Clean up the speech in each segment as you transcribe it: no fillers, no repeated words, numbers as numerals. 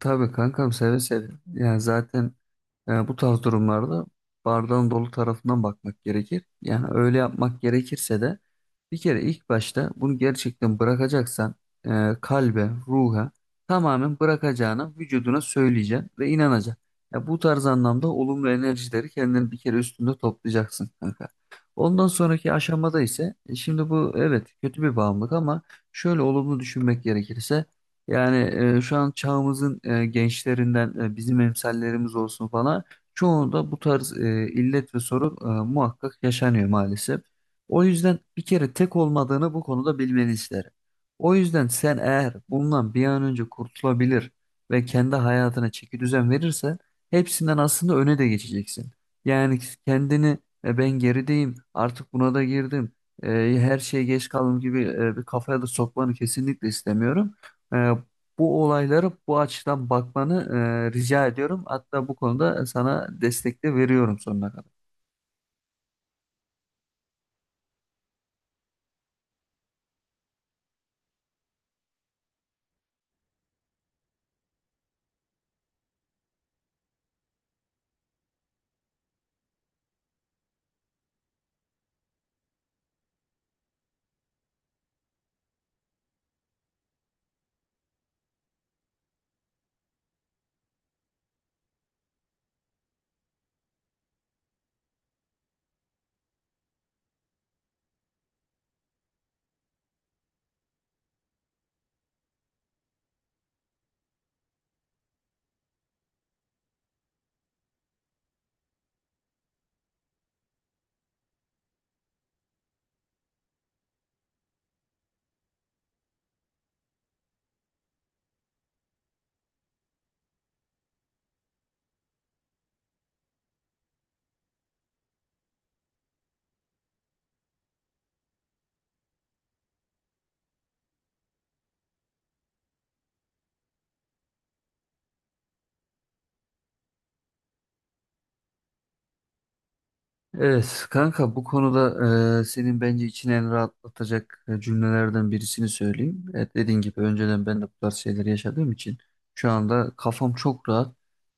Tabii kankam, seve seve. Yani zaten bu tarz durumlarda bardağın dolu tarafından bakmak gerekir. Yani öyle yapmak gerekirse de bir kere ilk başta bunu gerçekten bırakacaksan kalbe, ruha tamamen bırakacağını vücuduna söyleyeceksin ve inanacak. Ya bu tarz anlamda olumlu enerjileri kendini bir kere üstünde toplayacaksın kanka. Ondan sonraki aşamada ise şimdi bu evet kötü bir bağımlılık ama şöyle olumlu düşünmek gerekirse yani şu an çağımızın gençlerinden bizim emsallerimiz olsun falan çoğunda bu tarz illet ve sorun muhakkak yaşanıyor maalesef. O yüzden bir kere tek olmadığını bu konuda bilmeni isterim. O yüzden sen eğer bundan bir an önce kurtulabilir ve kendi hayatına çeki düzen verirsen hepsinden aslında öne de geçeceksin. Yani kendini ben gerideyim artık buna da girdim, e, her şeye geç kaldım gibi bir kafaya da sokmanı kesinlikle istemiyorum. Ee, Bu olaylara bu açıdan bakmanı rica ediyorum. Hatta bu konuda sana destek de veriyorum sonuna kadar. Evet kanka, bu konuda senin bence içini en rahatlatacak cümlelerden birisini söyleyeyim. Evet, dediğin gibi önceden ben de bu tarz şeyleri yaşadığım için şu anda kafam çok rahat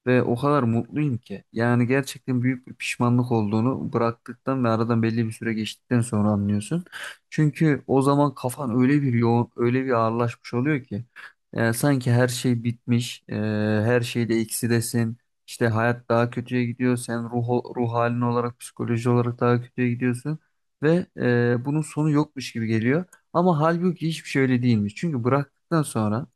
ve o kadar mutluyum ki. Yani gerçekten büyük bir pişmanlık olduğunu bıraktıktan ve aradan belli bir süre geçtikten sonra anlıyorsun. Çünkü o zaman kafan öyle bir yoğun, öyle bir ağırlaşmış oluyor ki. Yani sanki her şey bitmiş, her şeyde eksidesin. İşte hayat daha kötüye gidiyor. Sen ruh halin olarak, psikoloji olarak daha kötüye gidiyorsun. Ve bunun sonu yokmuş gibi geliyor. Ama halbuki hiçbir şey öyle değilmiş. Çünkü bıraktıktan sonra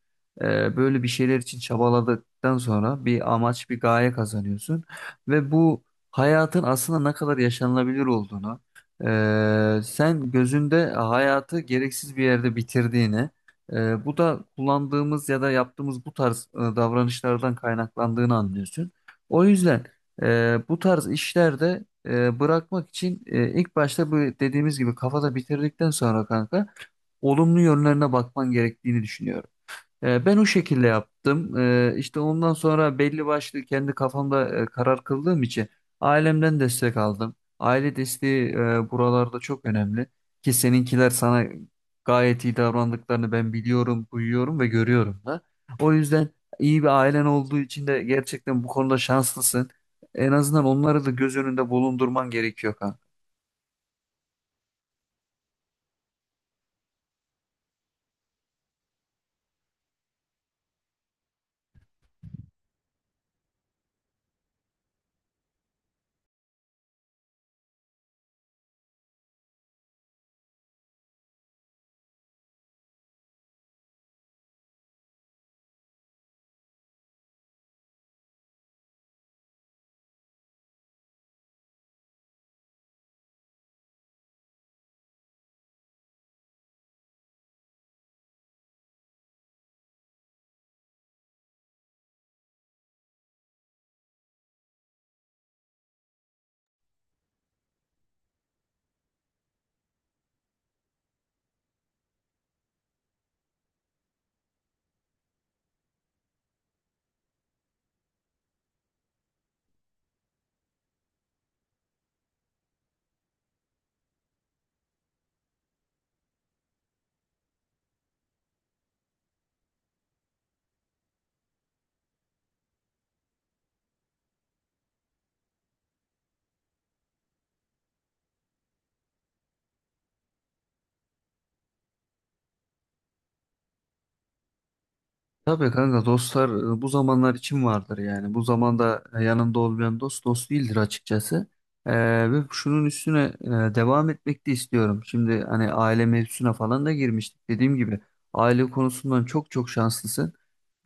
böyle bir şeyler için çabaladıktan sonra bir amaç, bir gaye kazanıyorsun. Ve bu hayatın aslında ne kadar yaşanılabilir olduğunu, sen gözünde hayatı gereksiz bir yerde bitirdiğini, bu da kullandığımız ya da yaptığımız bu tarz davranışlardan kaynaklandığını anlıyorsun. O yüzden bu tarz işlerde bırakmak için ilk başta bu dediğimiz gibi kafada bitirdikten sonra kanka olumlu yönlerine bakman gerektiğini düşünüyorum. Ben o şekilde yaptım. İşte ondan sonra belli başlı kendi kafamda karar kıldığım için ailemden destek aldım. Aile desteği buralarda çok önemli. Ki seninkiler sana gayet iyi davrandıklarını ben biliyorum, duyuyorum ve görüyorum da. O yüzden iyi bir ailen olduğu için de gerçekten bu konuda şanslısın. En azından onları da göz önünde bulundurman gerekiyor kanka. Tabii kanka, dostlar bu zamanlar için vardır yani. Bu zamanda yanında olmayan dost dost değildir açıkçası. E, Ve şunun üstüne devam etmek de istiyorum. Şimdi hani aile mevzusuna falan da girmiştik. Dediğim gibi aile konusundan çok çok şanslısın.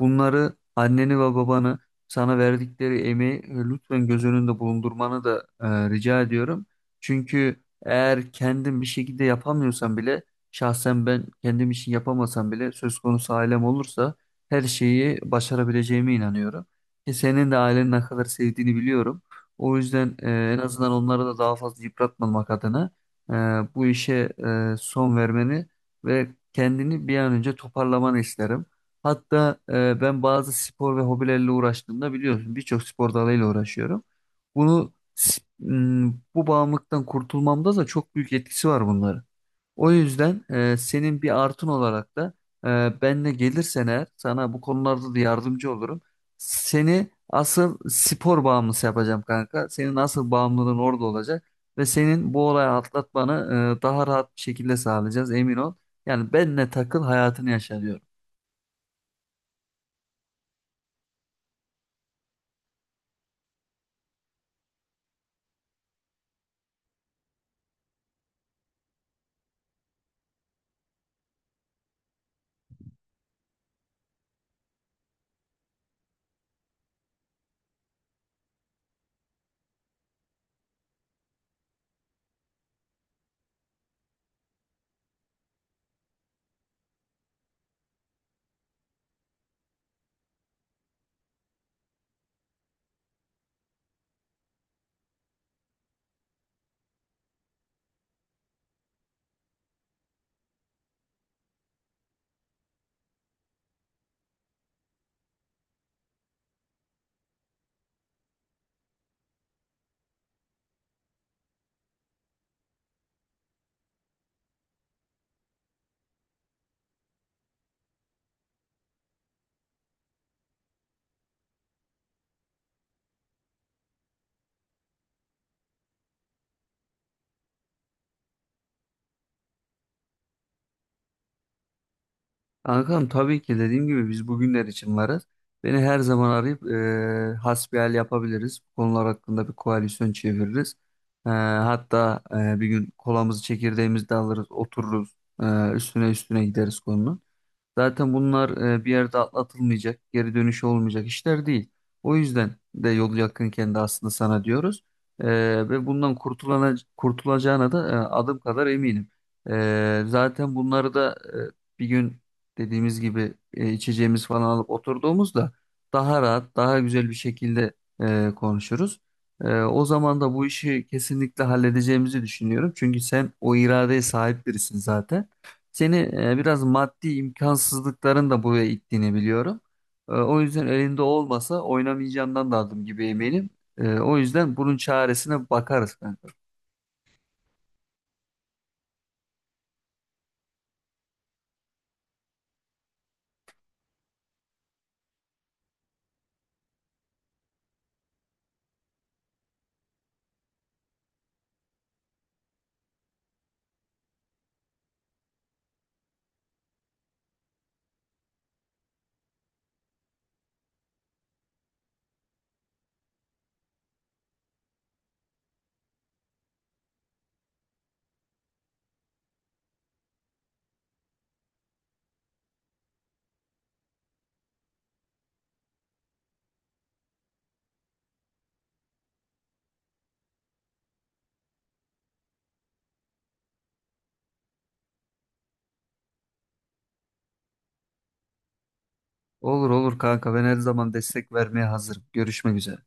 Bunları, anneni ve babanı sana verdikleri emeği lütfen göz önünde bulundurmanı da rica ediyorum. Çünkü eğer kendin bir şekilde yapamıyorsan bile, şahsen ben kendim için yapamasam bile söz konusu ailem olursa her şeyi başarabileceğime inanıyorum. Ki senin de ailenin ne kadar sevdiğini biliyorum. O yüzden en azından onları da daha fazla yıpratmamak adına e, bu işe son vermeni ve kendini bir an önce toparlamanı isterim. Hatta ben bazı spor ve hobilerle uğraştığımda biliyorsun birçok spor dalıyla uğraşıyorum. Bu bağımlılıktan kurtulmamda da çok büyük etkisi var bunların. O yüzden senin bir artın olarak da benle gelirsen eğer sana bu konularda da yardımcı olurum. Seni asıl spor bağımlısı yapacağım kanka. Senin asıl bağımlılığın orada olacak ve senin bu olayı atlatmanı daha rahat bir şekilde sağlayacağız, emin ol. Yani benle takıl, hayatını yaşa diyorum. Kankam, tabii ki dediğim gibi biz bugünler için varız. Beni her zaman arayıp hasbihal yapabiliriz. Bu konular hakkında bir koalisyon çeviririz. Hatta bir gün kolamızı, çekirdeğimizi de alırız, otururuz. Üstüne üstüne gideriz konunun. Zaten bunlar bir yerde atlatılmayacak, geri dönüşü olmayacak işler değil. O yüzden de yolu yakınken de aslında sana diyoruz. E, Ve bundan kurtulana, kurtulacağına da adım kadar eminim. Zaten bunları da bir gün dediğimiz gibi içeceğimiz falan alıp oturduğumuzda daha rahat, daha güzel bir şekilde konuşuruz. O zaman da bu işi kesinlikle halledeceğimizi düşünüyorum. Çünkü sen o iradeye sahip birisin zaten. Seni biraz maddi imkansızlıkların da buraya ittiğini biliyorum. O yüzden elinde olmasa oynamayacağından da adım gibi eminim. O yüzden bunun çaresine bakarız kanka. Olur olur kanka, ben her zaman destek vermeye hazırım. Görüşmek üzere.